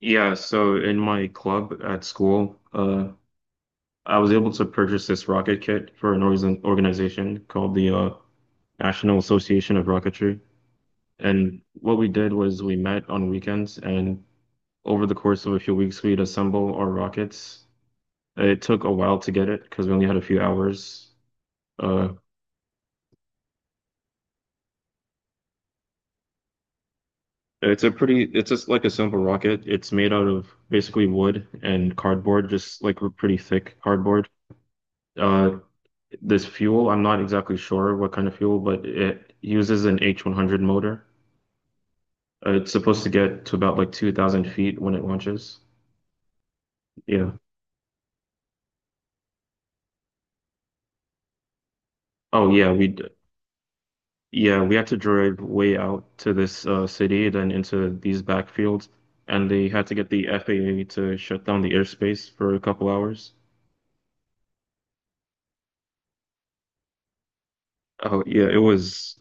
Yeah, so in my club at school, I was able to purchase this rocket kit for an organization called the National Association of Rocketry. And what we did was we met on weekends, and over the course of a few weeks, we'd assemble our rockets. It took a while to get it because we only had a few hours. Uh, it's a it's just like a simple rocket. It's made out of basically wood and cardboard, just like pretty thick cardboard. Uh, This fuel, I'm not exactly sure what kind of fuel, but it uses an H100 motor. It's supposed to get to about like 2,000 feet when it launches. Yeah. Oh yeah, yeah, we had to drive way out to this city, then into these backfields, and they had to get the FAA to shut down the airspace for a couple hours. Oh yeah, it was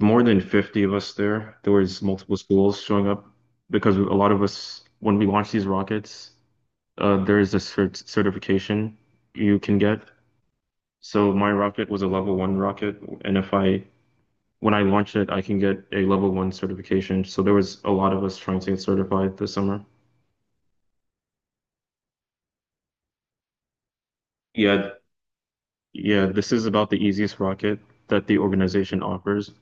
more than 50 of us there. There was multiple schools showing up because a lot of us, when we launched these rockets, there is a certification you can get. So my rocket was a level one rocket, and if I when I launch it, I can get a level one certification. So there was a lot of us trying to get certified this summer. Yeah, yeah, this is about the easiest rocket that the organization offers.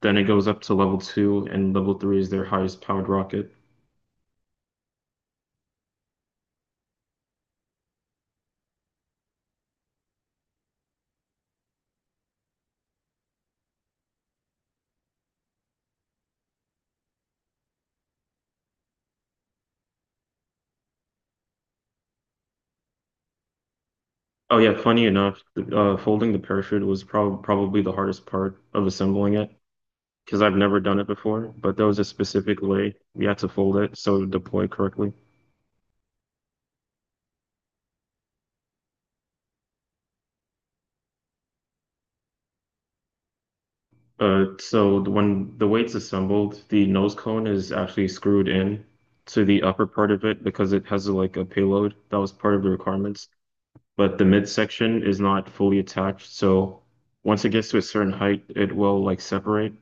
Then it goes up to level two, and level three is their highest powered rocket. Oh yeah, funny enough, folding the parachute was probably the hardest part of assembling it, because I've never done it before, but there was a specific way we had to fold it so it would deploy correctly. When the weight's assembled, the nose cone is actually screwed in to the upper part of it because it has like a payload that was part of the requirements. But the midsection is not fully attached, so once it gets to a certain height, it will like separate.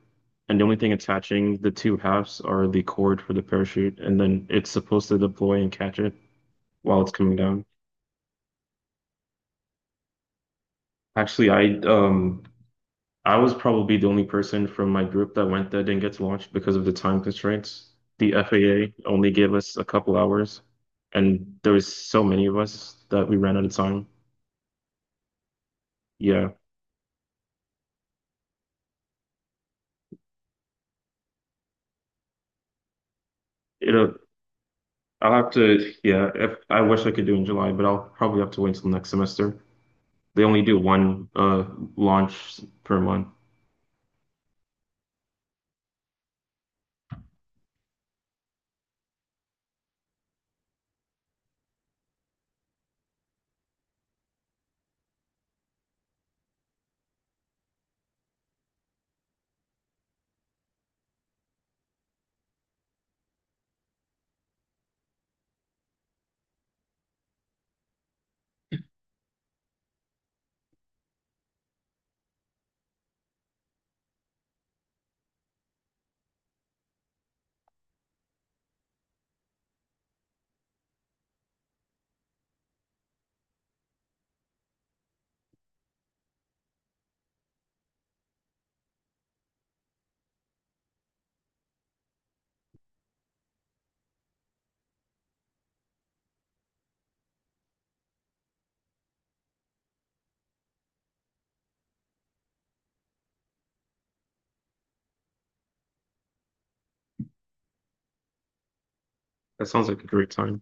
And the only thing attaching the two halves are the cord for the parachute, and then it's supposed to deploy and catch it while it's coming down. Actually, I was probably the only person from my group that went that didn't get to launch because of the time constraints. The FAA only gave us a couple hours, and there was so many of us that we ran out of time. Yeah, it'll. I'll have to. Yeah, if I wish I could do in July, but I'll probably have to wait until next semester. They only do one launch per month. That sounds like a great time.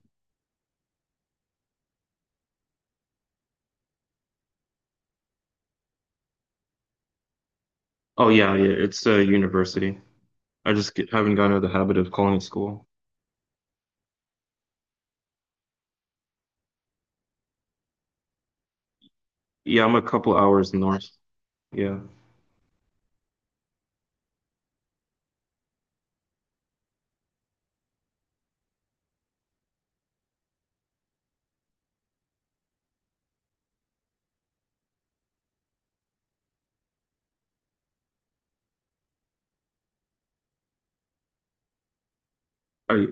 Oh yeah, yeah. It's a university. I just get, haven't gotten out of the habit of calling it school. Yeah, I'm a couple hours north. Yeah. I,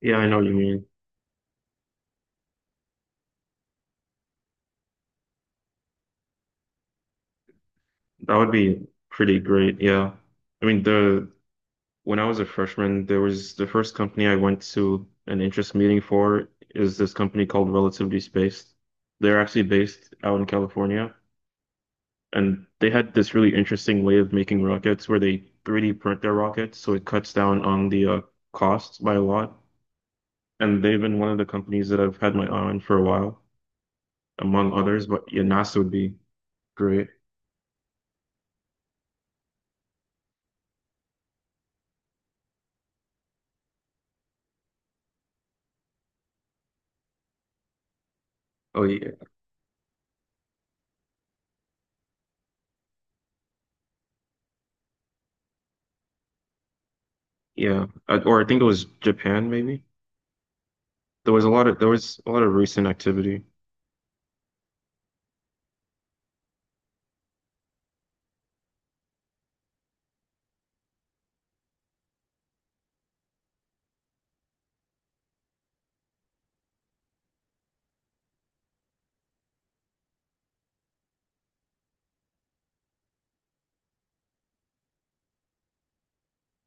yeah, I know what you mean. That would be pretty great. Yeah. I mean, the when I was a freshman, there was the first company I went to an interest meeting for is this company called Relatively Spaced. They're actually based out in California, and they had this really interesting way of making rockets where they 3D print their rockets, so it cuts down on the costs by a lot. And they've been one of the companies that I've had my eye on for a while, among others. But yeah, NASA would be great. Oh yeah, yeah. Or I think it was Japan, maybe. There was a lot of there was a lot of recent activity.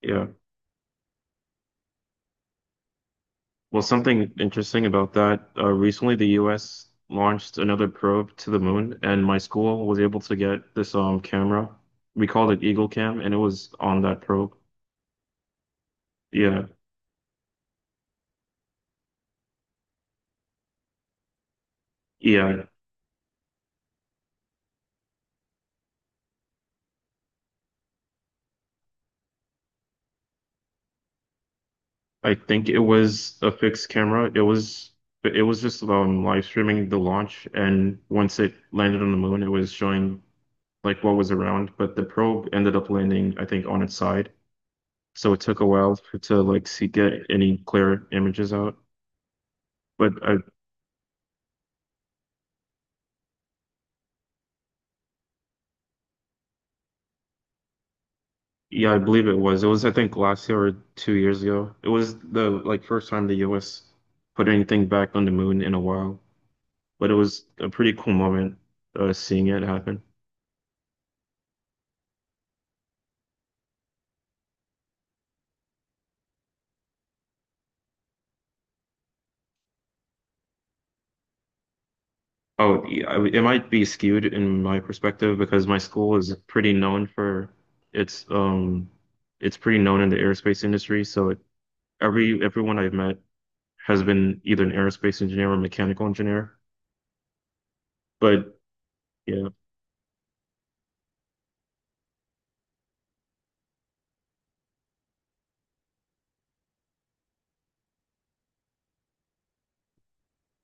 Yeah. Well, something interesting about that, recently the US launched another probe to the moon, and my school was able to get this camera. We called it Eagle Cam, and it was on that probe. Yeah. Yeah. I think it was a fixed camera. It was just live streaming the launch, and once it landed on the moon, it was showing like what was around, but the probe ended up landing, I think, on its side. So it took a while for to like see get any clear images out. But I Yeah, I believe it was. It was I think last year or 2 years ago. It was the like first time the US put anything back on the moon in a while. But it was a pretty cool moment seeing it happen. Oh, yeah, I- it might be skewed in my perspective because my school is pretty known for its it's pretty known in the aerospace industry. So it, everyone I've met has been either an aerospace engineer or mechanical engineer. But yeah.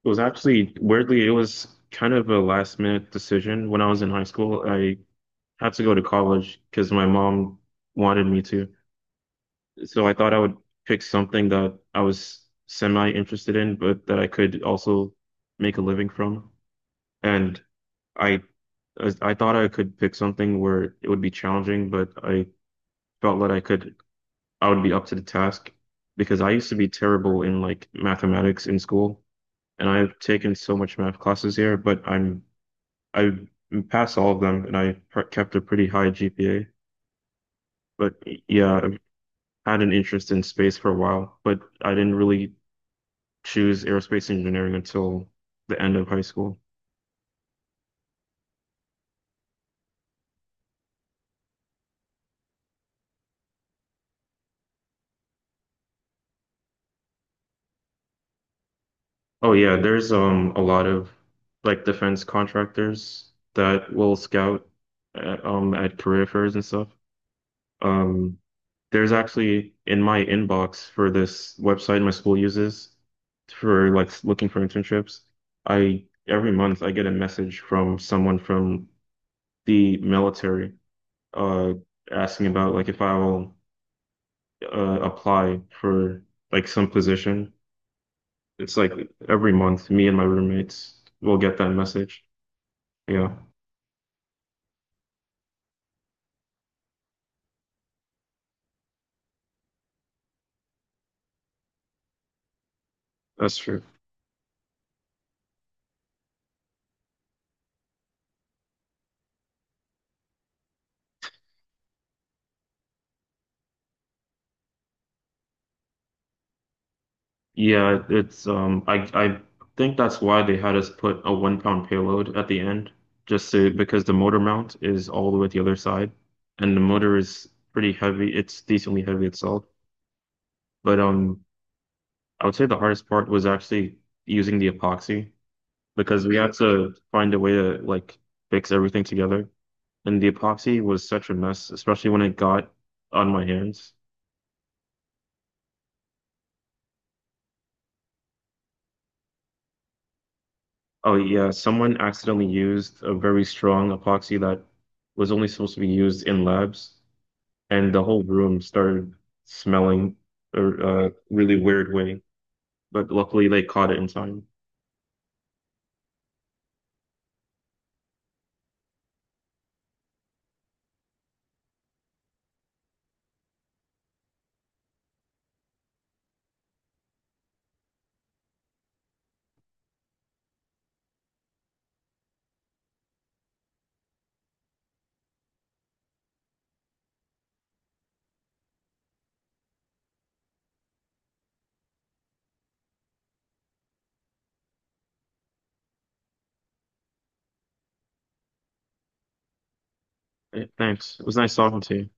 It was actually weirdly, it was kind of a last minute decision when I was in high school. I had to go to college because my mom wanted me to. So I thought I would pick something that I was semi interested in, but that I could also make a living from. And I I thought I could pick something where it would be challenging, but I felt that I would be up to the task because I used to be terrible in like mathematics in school, and I've taken so much math classes here, but I'm I passed all of them, and I pr kept a pretty high GPA. But yeah, I've had an interest in space for a while, but I didn't really choose aerospace engineering until the end of high school. Oh yeah, there's a lot of like defense contractors that will scout at career fairs and stuff. Um, there's actually in my inbox for this website my school uses for looking for internships. I Every month I get a message from someone from the military uh asking about like if I will apply for like some position. It's like every month me and my roommates will get that message. Yeah, that's true. Yeah, it's I think that's why they had us put a 1 pound payload at the end, just to because the motor mount is all the way at the other side and the motor is pretty heavy. It's decently heavy itself. But I would say the hardest part was actually using the epoxy because we had to find a way to like fix everything together. And the epoxy was such a mess, especially when it got on my hands. Oh yeah, someone accidentally used a very strong epoxy that was only supposed to be used in labs, and the whole room started smelling a really weird way. But luckily, they caught it in time. Eh, thanks. It was nice talking to you.